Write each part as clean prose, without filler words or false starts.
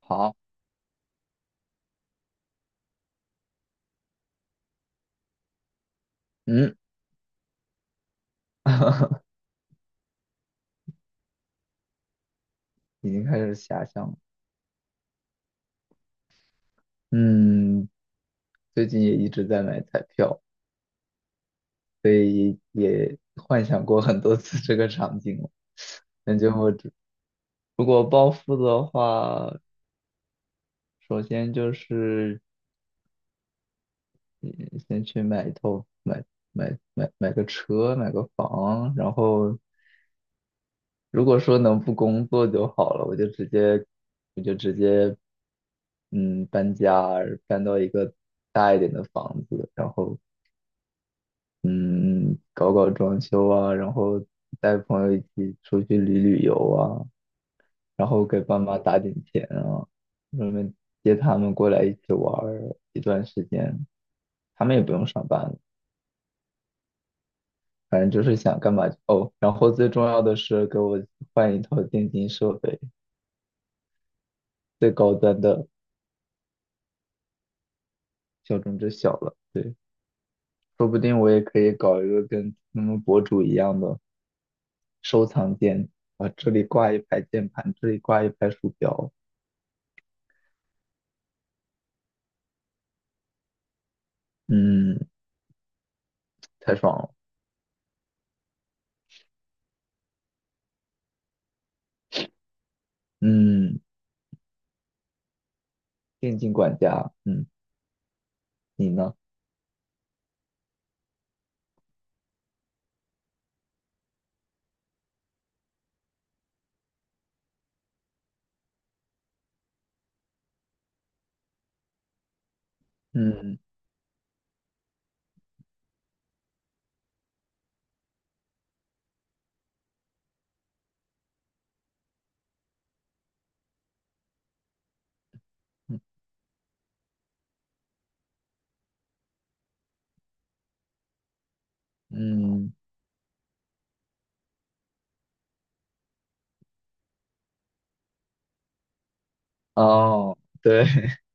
好，嗯，已经开始遐想了。嗯，最近也一直在买彩票，幻想过很多次这个场景了。感觉我如果暴富的话，首先就是嗯先去买一套买买买买个车，买个房。然后如果说能不工作就好了，我就直接搬家，搬到一个大一点的房子。然后。嗯，搞搞装修啊，然后带朋友一起出去旅游啊，然后给爸妈打点钱啊，顺便接他们过来一起玩儿一段时间，他们也不用上班了，反正就是想干嘛就哦。然后最重要的是给我换一套电竞设备，最高端的小众之小了。说不定我也可以搞一个跟他们博主一样的收藏间啊，这里挂一排键盘，这里挂一排鼠标。嗯，太爽了。嗯，电竞管家。嗯，你呢？嗯嗯嗯。哦，对，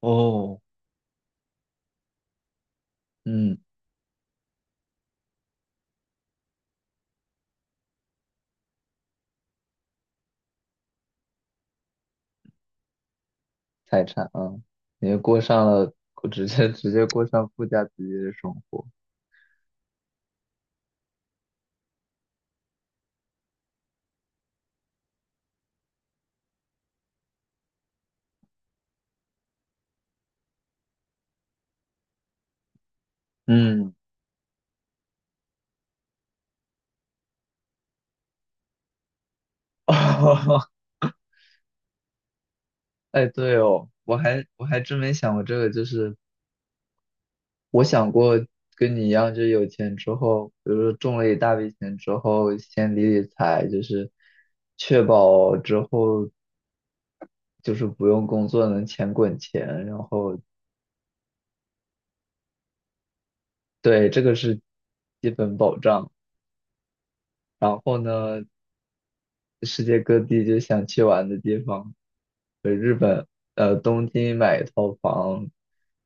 哦，嗯，财产啊。你就过上了，直接过上富家子弟的生活。嗯，哎，对哦，我还真没想过这个，就是我想过跟你一样，就是有钱之后，比如说中了一大笔钱之后，先理理财，就是确保之后就是不用工作能钱滚钱。然后对，这个是基本保障。然后呢，世界各地就想去玩的地方，日本，东京买一套房，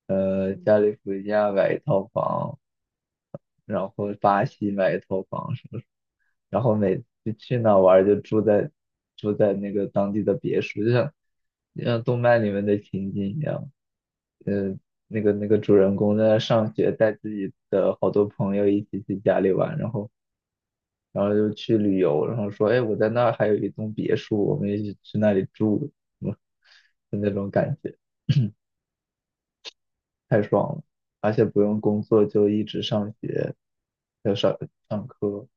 加利福尼亚买一套房，然后巴西买一套房什么，然后每次去哪玩儿就住在那个当地的别墅，就像动漫里面的情景一样。嗯，那个主人公在那上学，带自己的好多朋友一起去家里玩。然后。然后就去旅游，然后说，哎，我在那儿还有一栋别墅，我们一起去那里住。嗯，就那种感觉。太爽了，而且不用工作就一直上学，要上上课。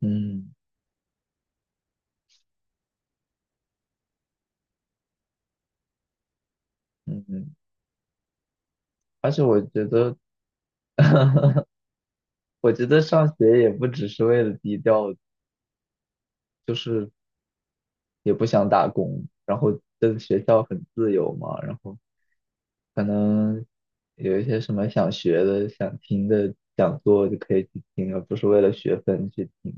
嗯嗯，嗯，而且我觉得，我觉得上学也不只是为了低调，就是也不想打工，然后这个学校很自由嘛。然后，可能有一些什么想学的、想听的讲座就可以去听，而不是为了学分去听。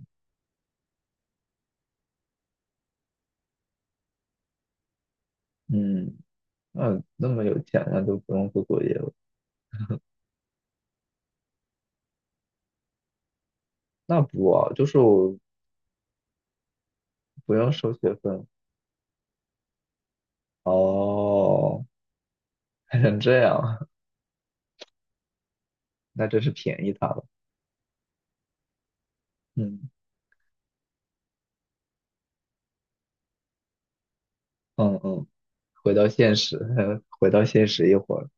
嗯，那么有钱那就不用做作业了？那不啊，就是我不用收学分。哦，还成这样啊。那真是便宜他了。嗯嗯嗯，回到现实，回到现实一会儿。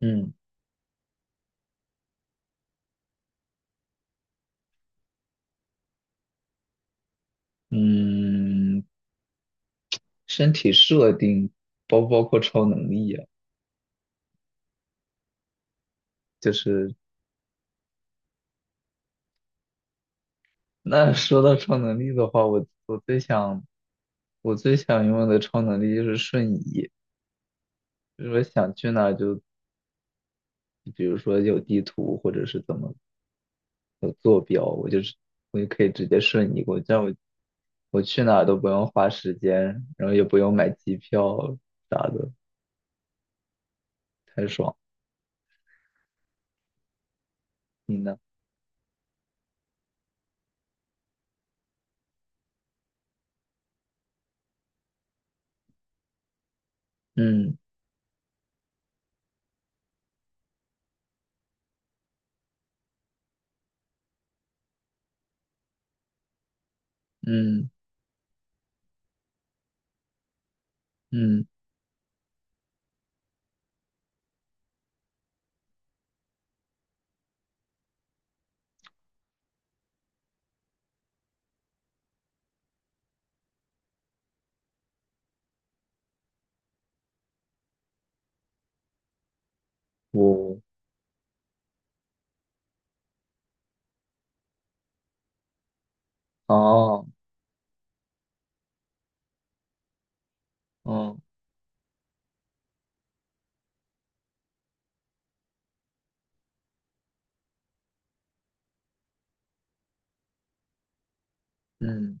嗯嗯，身体设定包不包括超能力啊？就是那说到超能力的话，我最想拥有的超能力就是瞬移，就是我想去哪儿就，比如说有地图或者是怎么有坐标，我就可以直接瞬移过去，这样我去哪儿都不用花时间，然后也不用买机票啥的，太爽。你呢？嗯嗯嗯，我，哦，嗯嗯，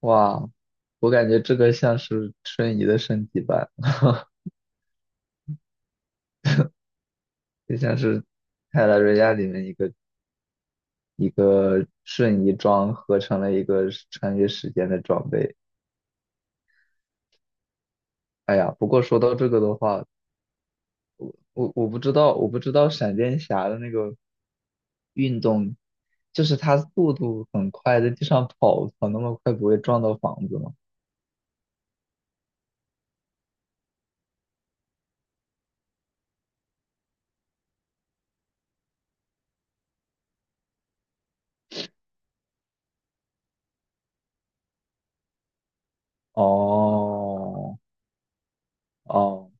哇，我感觉这个像是瞬移的升级版。就像是《泰拉瑞亚》里面一个瞬移装合成了一个是穿越时间的装备。哎呀，不过说到这个的话，我不知道闪电侠的那个运动，就是他速度很快，在地上跑那么快，不会撞到房子吗？哦哦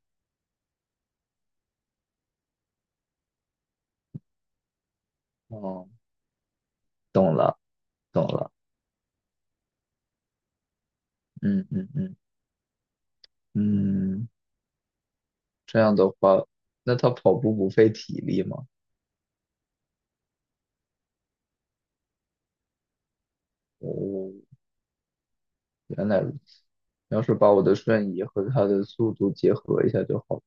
哦，懂了懂了，嗯嗯嗯嗯，这样的话，那他跑步不费体力吗？哦，原来如此。要是把我的瞬移和它的速度结合一下就好了，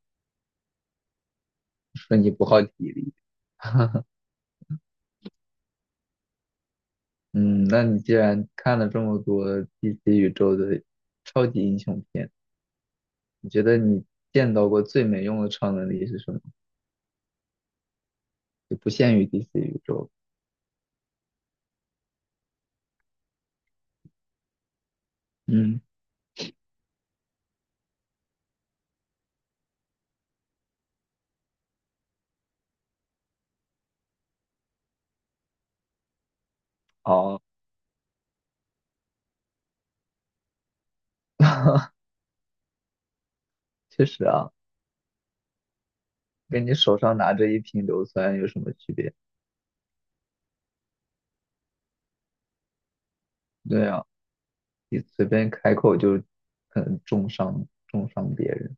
瞬移不耗体力。嗯，那你既然看了这么多 DC 宇宙的超级英雄片，你觉得你见到过最没用的超能力是什么？就不限于 DC 宇宙。嗯，哦，确实啊，跟你手上拿着一瓶硫酸有什么区别？对啊，你随便开口就可能重伤别人。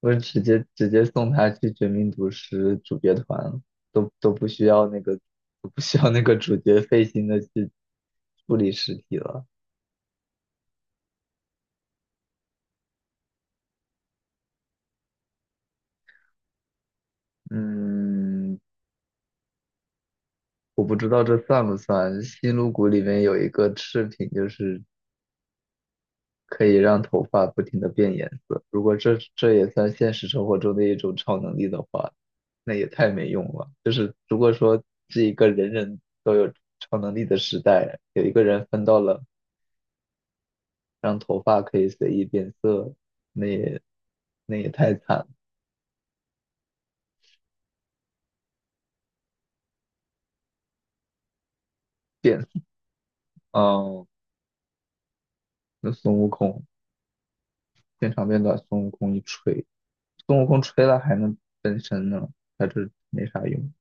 我直接送他去《绝命毒师》主角团了，都不需要那个主角费心的去处理尸体了。嗯，我不知道这算不算。新露谷里面有一个饰品，就是可以让头发不停的变颜色。如果这也算现实生活中的一种超能力的话，那也太没用了。就是如果说是一个人人都有超能力的时代，有一个人分到了，让头发可以随意变色，那也那也太惨了。变嗯，那孙悟空变长变短，孙悟空一吹，孙悟空吹了还能分身呢，他这没啥用。